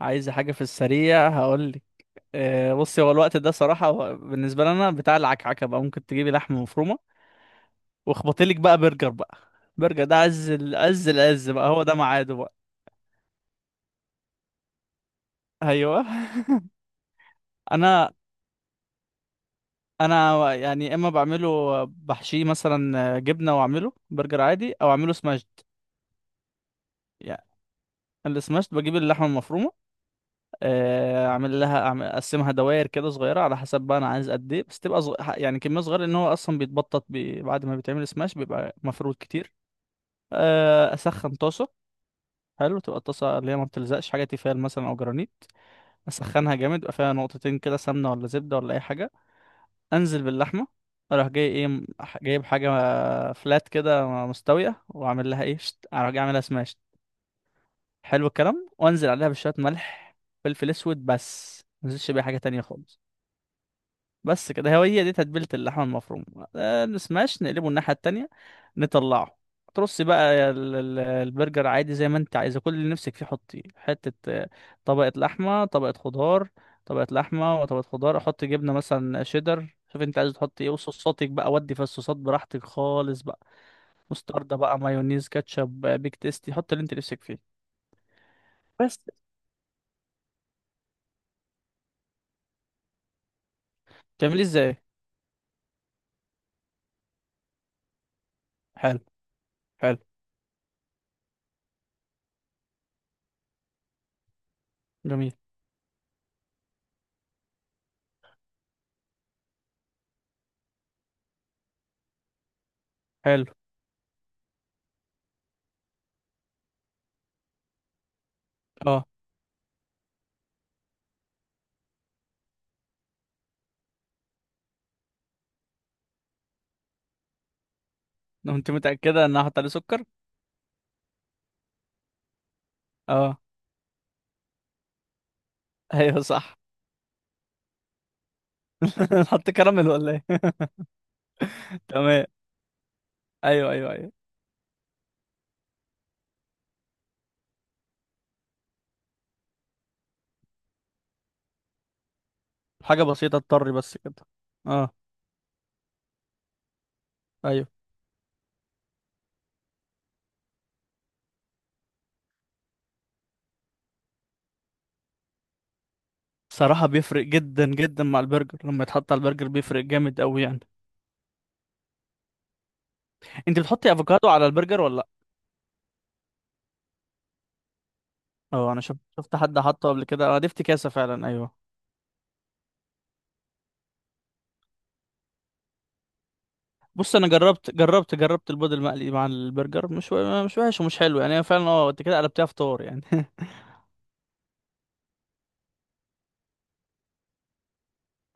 عايز حاجة في السريع هقولك. بصي، هو الوقت ده صراحة، هو بالنسبة لنا بتاع العكعكة بقى. ممكن تجيبي لحمة مفرومة واخبطيلك بقى برجر بقى. برجر ده عز عز العز بقى، هو ده ميعاده بقى. ايوه. انا انا يعني اما بعمله بحشيه مثلا جبنة واعمله برجر عادي او اعمله سماشد يعني. السماشد بجيب اللحمة المفرومة. اعمل لها أعمل اقسمها دوائر كده صغيره، على حسب بقى انا عايز قد ايه، بس تبقى يعني كميه صغيره، لان هو اصلا بيتبطط بعد ما بيتعمل سماش بيبقى مفروض كتير. اسخن طاسه. حلو، تبقى الطاسه اللي هي ما بتلزقش حاجه، تيفال مثلا او جرانيت. اسخنها جامد، يبقى فيها نقطتين كده سمنه ولا زبده ولا اي حاجه. انزل باللحمه. اروح جاي ايه جايب حاجه فلات كده مستويه، واعمل لها ايه اروح جاي اعملها سماش. حلو الكلام. وانزل عليها بشويه ملح، فلفل اسود، بس ما انزلش بيها حاجه تانية خالص. بس كده، هي دي تتبيلة اللحمة المفروم. نسماش، نقلبه الناحية التانية، نطلعه. ترصي بقى البرجر عادي، زي ما انت عايزة. كل اللي نفسك فيه حطيه، حتة طبقة لحمة طبقة خضار، طبقة لحمة وطبقة خضار. احط جبنة مثلا، شيدر، شوف انت عايز تحط ايه. وصوصاتك بقى، ودي في الصوصات براحتك خالص بقى. مستردة بقى، مايونيز، كاتشب، بيك تيستي، حط اللي انت نفسك فيه بس. تعمليه ازاي؟ حلو حلو. جميل. حلو اه. انت متأكدة ان هحط عليه سكر؟ اه. ايوه صح. نحط كراميل ولا ايه؟ تمام. ايوه ايوه ايوه. حاجه بسيطه اضطر بس كده. اه. ايوه صراحه بيفرق جدا جدا مع البرجر، لما يتحط على البرجر بيفرق جامد قوي يعني. انت بتحطي افوكادو على البرجر ولا لا؟ اه انا شفت حد حطه قبل كده، اه دي افتكاسه فعلا، ايوه. بص انا جربت البيض المقلي مع البرجر، مش مش وحش ومش حلو يعني، هي فعلا اه، انت كده قلبتيها فطار يعني.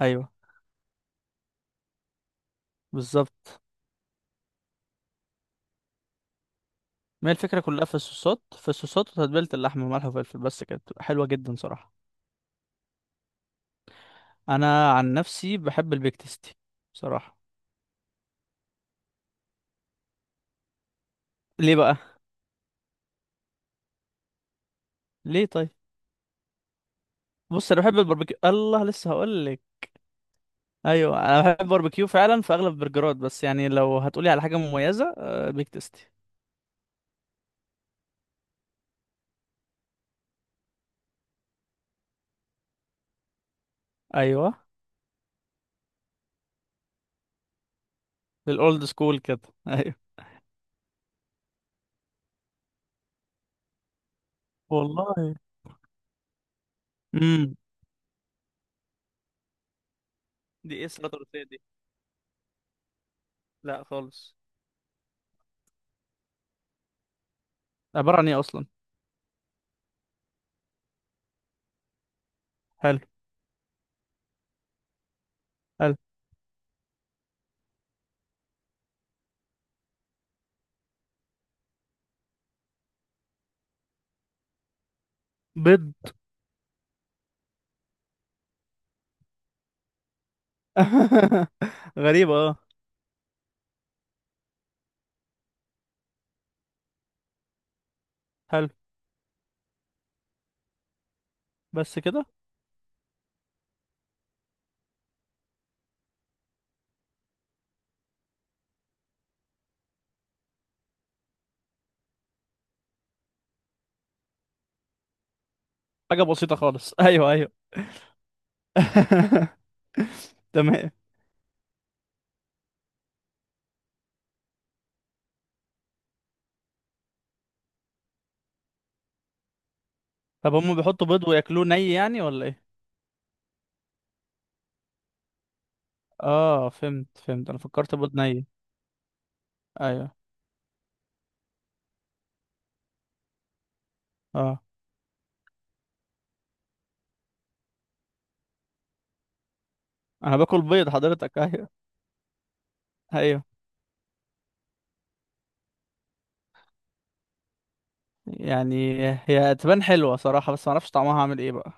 ايوه بالظبط. ما هي الفكره كلها في الصوصات، في الصوصات وتتبيله اللحمه وملح وفلفل، بس كده بتبقى حلوه جدا صراحه. انا عن نفسي بحب البيك تيستي بصراحه. ليه بقى؟ ليه طيب؟ بص انا بحب الباربيكيو، الله لسه هقول لك. ايوه، انا بحب الباربيكيو فعلا في اغلب البرجرات، بس يعني لو هتقولي على حاجه مميزه بيك تيستي. ايوه الاولد سكول كده. ايوه. والله. امم دي ايه السلطه الروسيه دي؟ لا خالص. عباره عن ايه اصلا؟ حلو حلو. بيض؟ غريبه اه. حلو. بس كده؟ حاجه بسيطه خالص. ايوه ايوه. تمام. طب هم بيحطوا بيض وياكلوه ني يعني ولا ايه؟ اه فهمت، انا فكرت بيض ني. ايوه اه. انا باكل بيض حضرتك. ايوه. ايوه يعني، هي تبان حلوه صراحه، بس ما اعرفش طعمها عامل ايه بقى.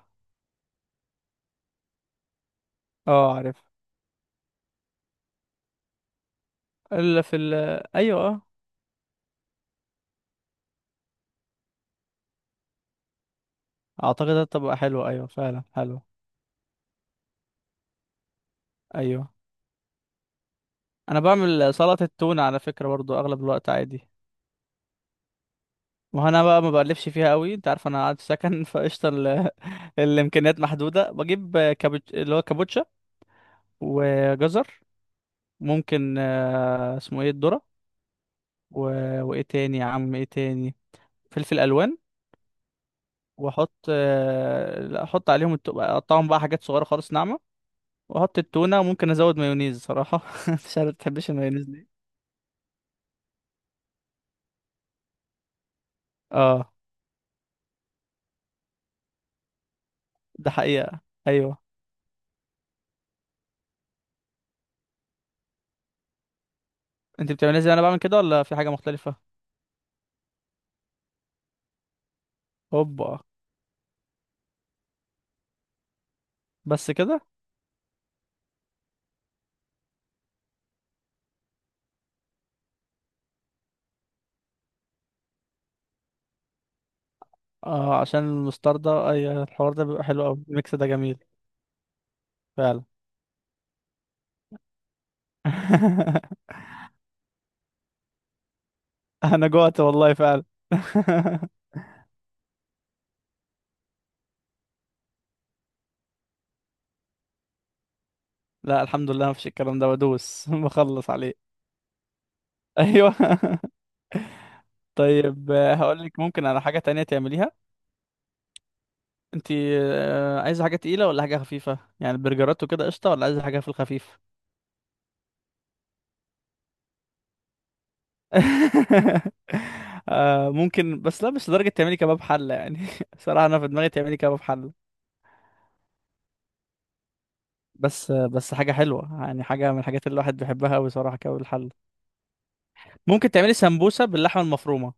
اه عارف. الا في ايوه اه. اعتقد هتبقى حلوه، ايوه فعلا حلوه. ايوه. انا بعمل سلطه التونه على فكره برضو اغلب الوقت عادي. ما هو انا بقى ما بقلبش فيها قوي، انت عارف انا قاعد في سكن. فقشطه الامكانيات محدوده. بجيب كابوتش، اللي هو كابوتشا، وجزر. ممكن اسمه ايه، الذرة. و... وايه تاني يا عم، ايه تاني. فلفل الوان. واحط لا احط عليهم اقطعهم بقى حاجات صغيرة خالص، ناعمة. واحط التونة وممكن ازود مايونيز صراحة. مش عارف بتحبش المايونيز دي. اه ده حقيقة. ايوه. انت بتعملها زي انا بعمل كده ولا في حاجة مختلفة؟ هوبا. بس كده؟ اه، عشان المستردة اي، الحوار ده بيبقى حلو قوي، الميكس ده جميل. فعلا. انا جوعت والله فعلا. لا الحمد لله مفيش، الكلام ده بدوس بخلص عليه. ايوه. طيب هقول لك ممكن على حاجه تانية تعمليها. انت عايزه حاجه تقيله ولا حاجه خفيفه يعني؟ برجرات وكده قشطه، ولا عايزه حاجه في الخفيف؟ ممكن، بس لا مش لدرجه تعملي كباب حله يعني. صراحه انا في دماغي تعملي كباب حله. بس حاجه حلوه يعني، حاجه من الحاجات اللي الواحد بيحبها قوي صراحه، كباب الحله. ممكن تعملي سمبوسه باللحمه المفرومه.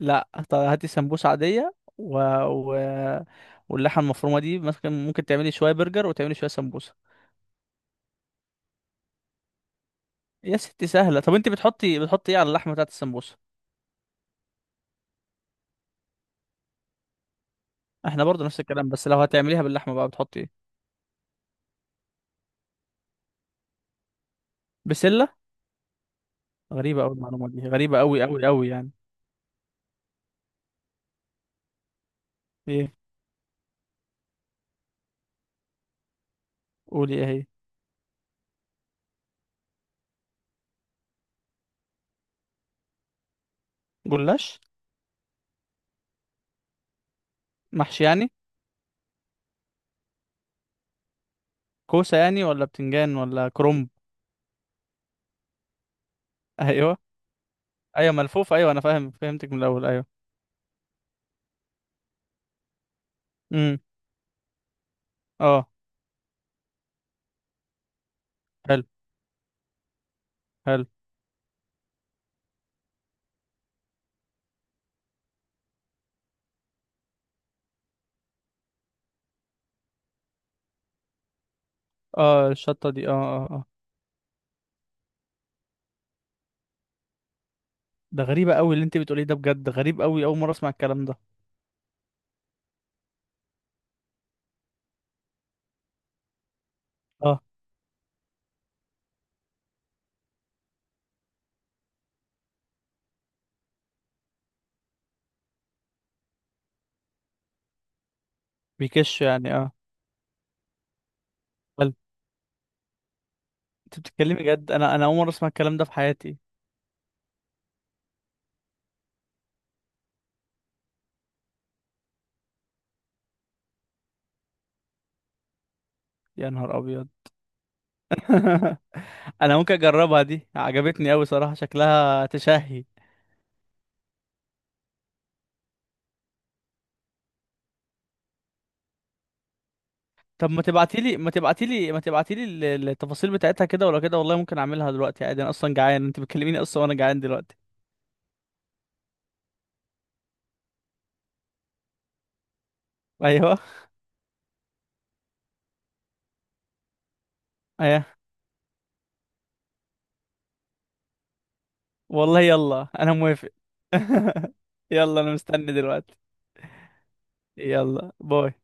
لا طب هاتي سمبوسة عادية، و... و... واللحمة المفرومة دي مثلا ممكن تعملي شوية برجر وتعملي شوية سمبوسة. يا ستي سهلة. طب انت بتحطي، ايه على اللحمة بتاعت السمبوسة؟ احنا برضو نفس الكلام، بس لو هتعمليها باللحمة بقى بتحطي ايه؟ بسلة؟ غريبة قوي المعلومة دي، غريبة قوي قوي قوي يعني. ايه؟ قولي ايه هي. جلاش. محشي يعني؟ كوسة يعني ولا بتنجان ولا كرنب؟ ايوه ايوه ملفوف، ايوه انا فاهم فهمتك من الاول، ايوه. امم اه. حلو حلو. اه الشطة دي اه اه آه. ده غريبة قوي اللي انت بتقوليه ده، بجد غريب قوي، اول مرة اسمع الكلام ده. اه بيكش يعني اه. بل. انت بتتكلمي جد؟ انا اول مرة اسمع الكلام ده في حياتي. يا نهار ابيض. انا ممكن اجربها، دي عجبتني قوي صراحة، شكلها تشهي. طب ما تبعتيلي التفاصيل بتاعتها كده ولا كده. والله ممكن اعملها دلوقتي عادي، انا اصلا جعان، انت بتكلميني اصلا وانا جعان دلوقتي. ايوه ايوه. والله يلا انا موافق. يلا انا مستني دلوقتي. يلا باي.